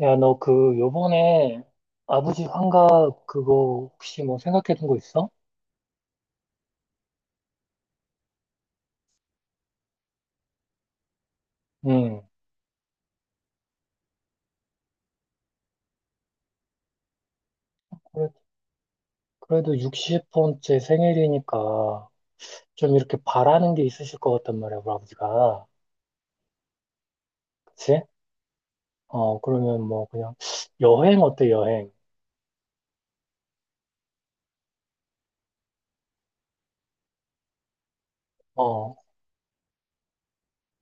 야, 너 그, 요번에 아버지 환갑 그거 혹시 뭐 생각해 둔 거 있어? 응. 그래- 그래도 60번째 생일이니까 좀 이렇게 바라는 게 있으실 것 같단 말이야, 우리 아버지가. 그치? 그러면 뭐 그냥 여행 어때, 여행? 어,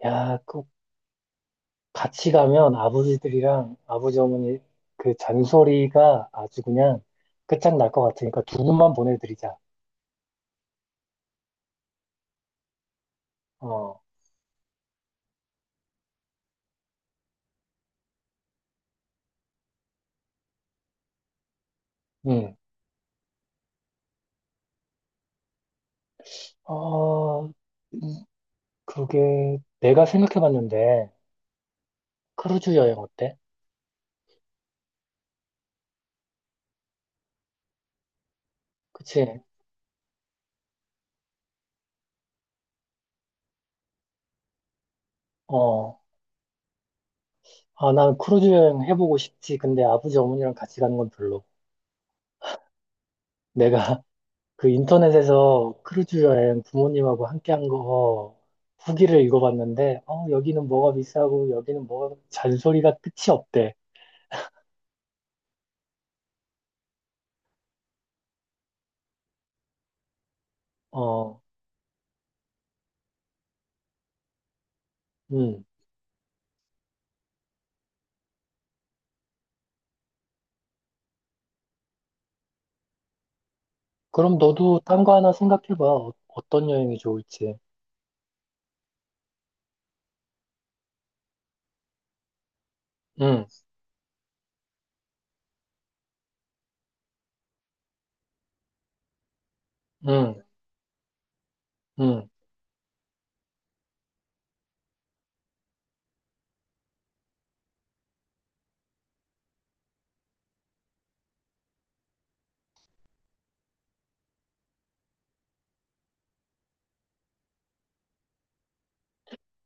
야, 그 같이 가면 아버지들이랑 아버지 어머니 그 잔소리가 아주 그냥 끝장날 것 같으니까 두 분만 보내드리자. 어, 응. 어, 그게 내가 생각해봤는데 크루즈 여행 어때? 그치? 어, 아, 난 크루즈 여행 해보고 싶지. 근데 아버지 어머니랑 같이 가는 건 별로. 내가 그 인터넷에서 크루즈 여행 부모님하고 함께 한거 후기를 읽어봤는데, 여기는 뭐가 비싸고 여기는 뭐가 잔소리가 끝이 없대. 어, 음. 그럼 너도 딴 거 하나 생각해봐. 어떤 여행이 좋을지. 응, 응, 응.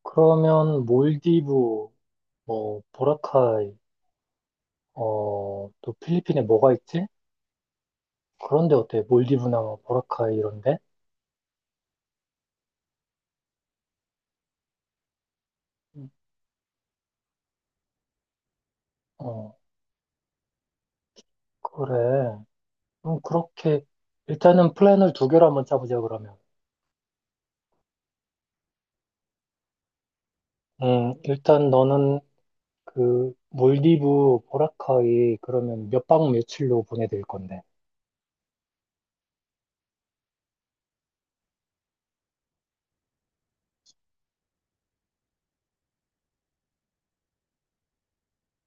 그러면 몰디브, 뭐 보라카이. 또 필리핀에 뭐가 있지? 그런데 어때? 몰디브나 뭐 보라카이 이런데? 어, 그래. 그럼 그렇게 일단은 플랜을 두 개로 한번 짜보자 그러면. 일단 너는 그 몰디브 보라카이 그러면 몇 박 며칠로 보내드릴 건데.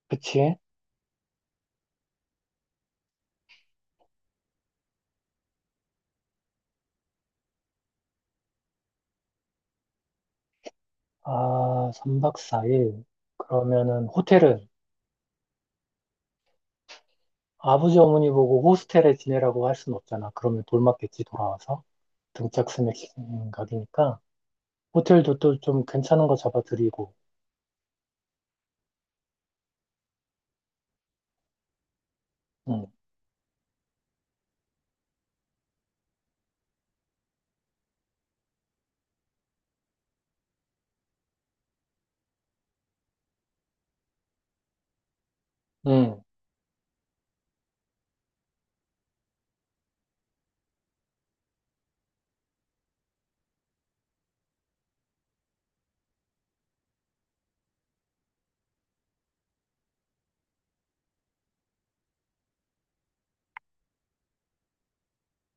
그치? 아, 3박 4일. 그러면은 호텔은 아버지 어머니 보고 호스텔에 지내라고 할 순 없잖아. 그러면 돌 맞겠지 돌아와서. 등짝 스매싱 각이니까. 호텔도 또 좀 괜찮은 거 잡아드리고, 응, 응,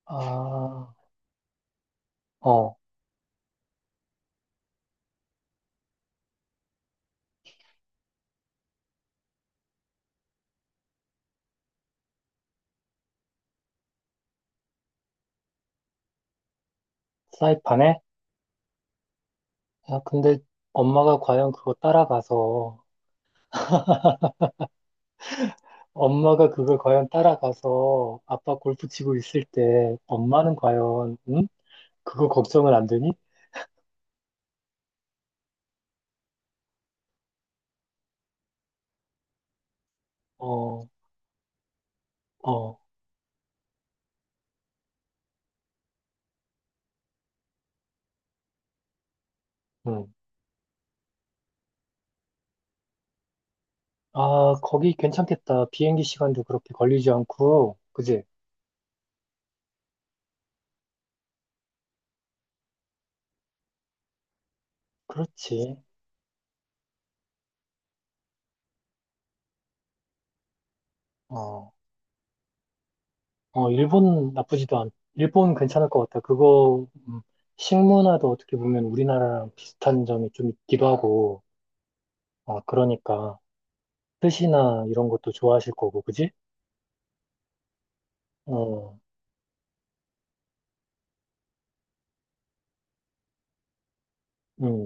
아, 어, 사이판에? 아, 근데 엄마가 과연 그거 따라가서, 엄마가 그걸 과연 따라가서 아빠 골프 치고 있을 때, 엄마는 과연, 응? 그거 걱정을 안 되니? 어, 어, 응. 아, 거기 괜찮겠다. 비행기 시간도 그렇게 걸리지 않고, 그지? 그렇지. 어. 일본 괜찮을 것 같아. 그거, 식문화도 어떻게 보면 우리나라랑 비슷한 점이 좀 있기도 하고, 그러니까, 뜻이나 이런 것도 좋아하실 거고, 그지? 어, 음,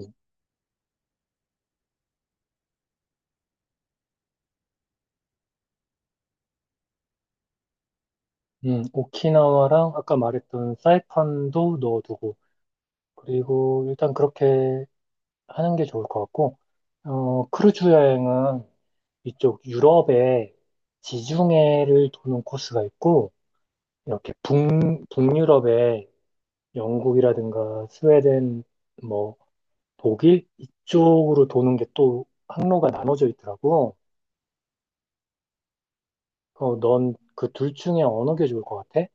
오키나와랑 아까 말했던 사이판도 넣어두고, 그리고 일단 그렇게 하는 게 좋을 것 같고, 크루즈 여행은 이쪽 유럽에 지중해를 도는 코스가 있고, 이렇게 북유럽에 영국이라든가 스웨덴, 뭐 독일 이쪽으로 도는 게 또 항로가 나눠져 있더라고. 넌 그 둘 중에 어느 게 좋을 것 같아?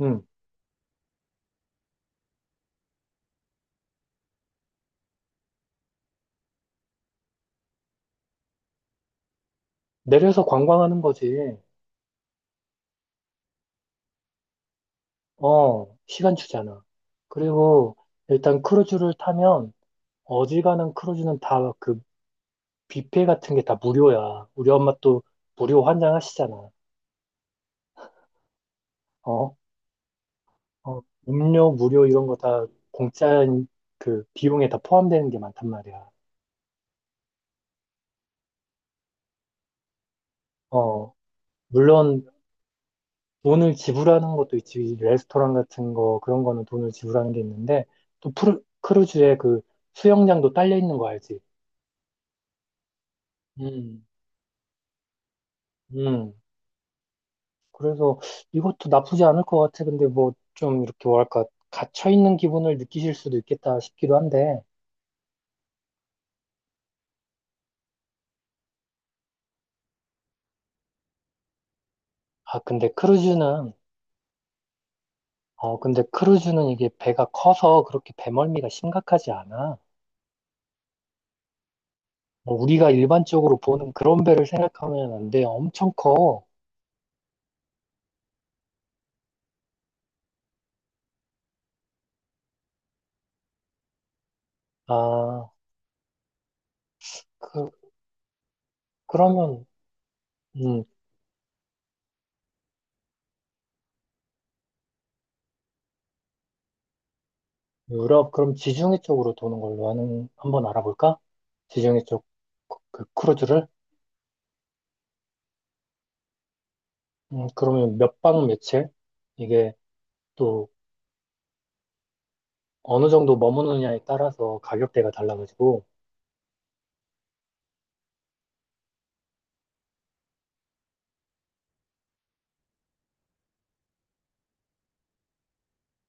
응. 내려서 관광하는 거지. 시간 주잖아. 그리고 일단 크루즈를 타면 어지간한 크루즈는 다 그 뷔페 같은 게 다 무료야. 우리 엄마 또 무료 환장하시잖아. 어, 어, 음료 무료 이런 거 다 공짜 그 비용에 다 포함되는 게 많단 말이야. 어, 물론 돈을 지불하는 것도 있지, 레스토랑 같은 거, 그런 거는 돈을 지불하는 게 있는데, 또 크루즈에 그 수영장도 딸려 있는 거 알지? 음, 음. 그래서 이것도 나쁘지 않을 것 같아. 근데 뭐 좀 이렇게 뭐랄까, 갇혀 있는 기분을 느끼실 수도 있겠다 싶기도 한데, 아, 근데 크루즈는, 근데 크루즈는 이게 배가 커서 그렇게 배멀미가 심각하지 않아. 뭐 우리가 일반적으로 보는 그런 배를 생각하면 안 돼. 엄청 커. 아, 그, 그러면 음, 유럽, 그럼 지중해 쪽으로 도는 걸로 하는, 한번 알아볼까? 지중해 쪽, 그 크루즈를? 그러면 몇 박 며칠? 이게 또 어느 정도 머무느냐에 따라서 가격대가 달라가지고,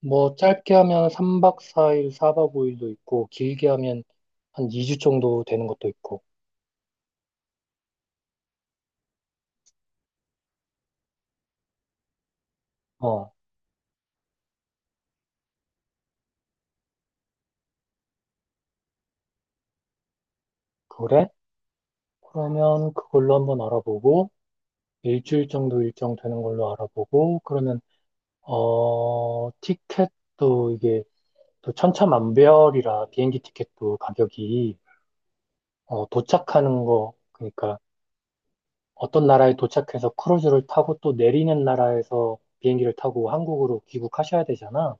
뭐 짧게 하면 3박 4일, 4박 5일도 있고, 길게 하면 한 2주 정도 되는 것도 있고, 어, 그래? 그러면 그걸로 한번 알아보고, 일주일 정도 일정 되는 걸로 알아보고, 그러면, 어, 티켓도 이게, 또 천차만별이라 비행기 티켓도 가격이 도착하는 거 그러니까 어떤 나라에 도착해서 크루즈를 타고 또 내리는 나라에서 비행기를 타고 한국으로 귀국하셔야 되잖아.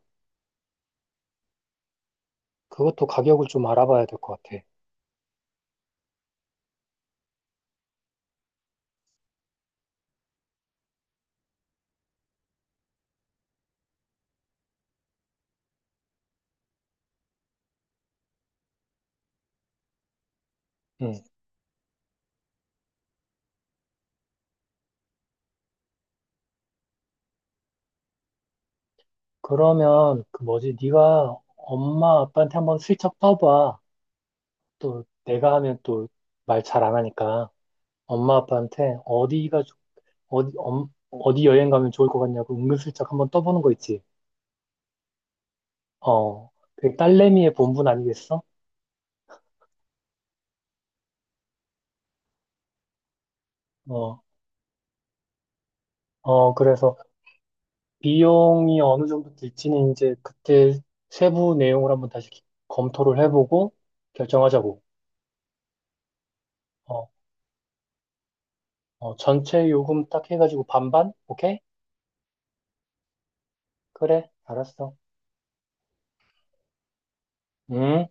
그것도 가격을 좀 알아봐야 될 것 같아. 응. 그러면 그 뭐지? 네가 엄마 아빠한테 한번 슬쩍 떠봐. 또 내가 하면 또 말 잘 안 하니까 엄마 아빠한테 어디가 좋- 어디 엄- 어디 여행 가면 좋을 것 같냐고 은근슬쩍 한번 떠보는 거 있지. 어, 그 딸내미의 본분 아니겠어? 어, 어, 그래서 비용이 어느 정도 들지는 이제 그때 세부 내용을 한번 다시 검토를 해보고 결정하자고. 어, 어, 전체 요금 딱 해가지고 반반? 오케이? 그래, 알았어. 음.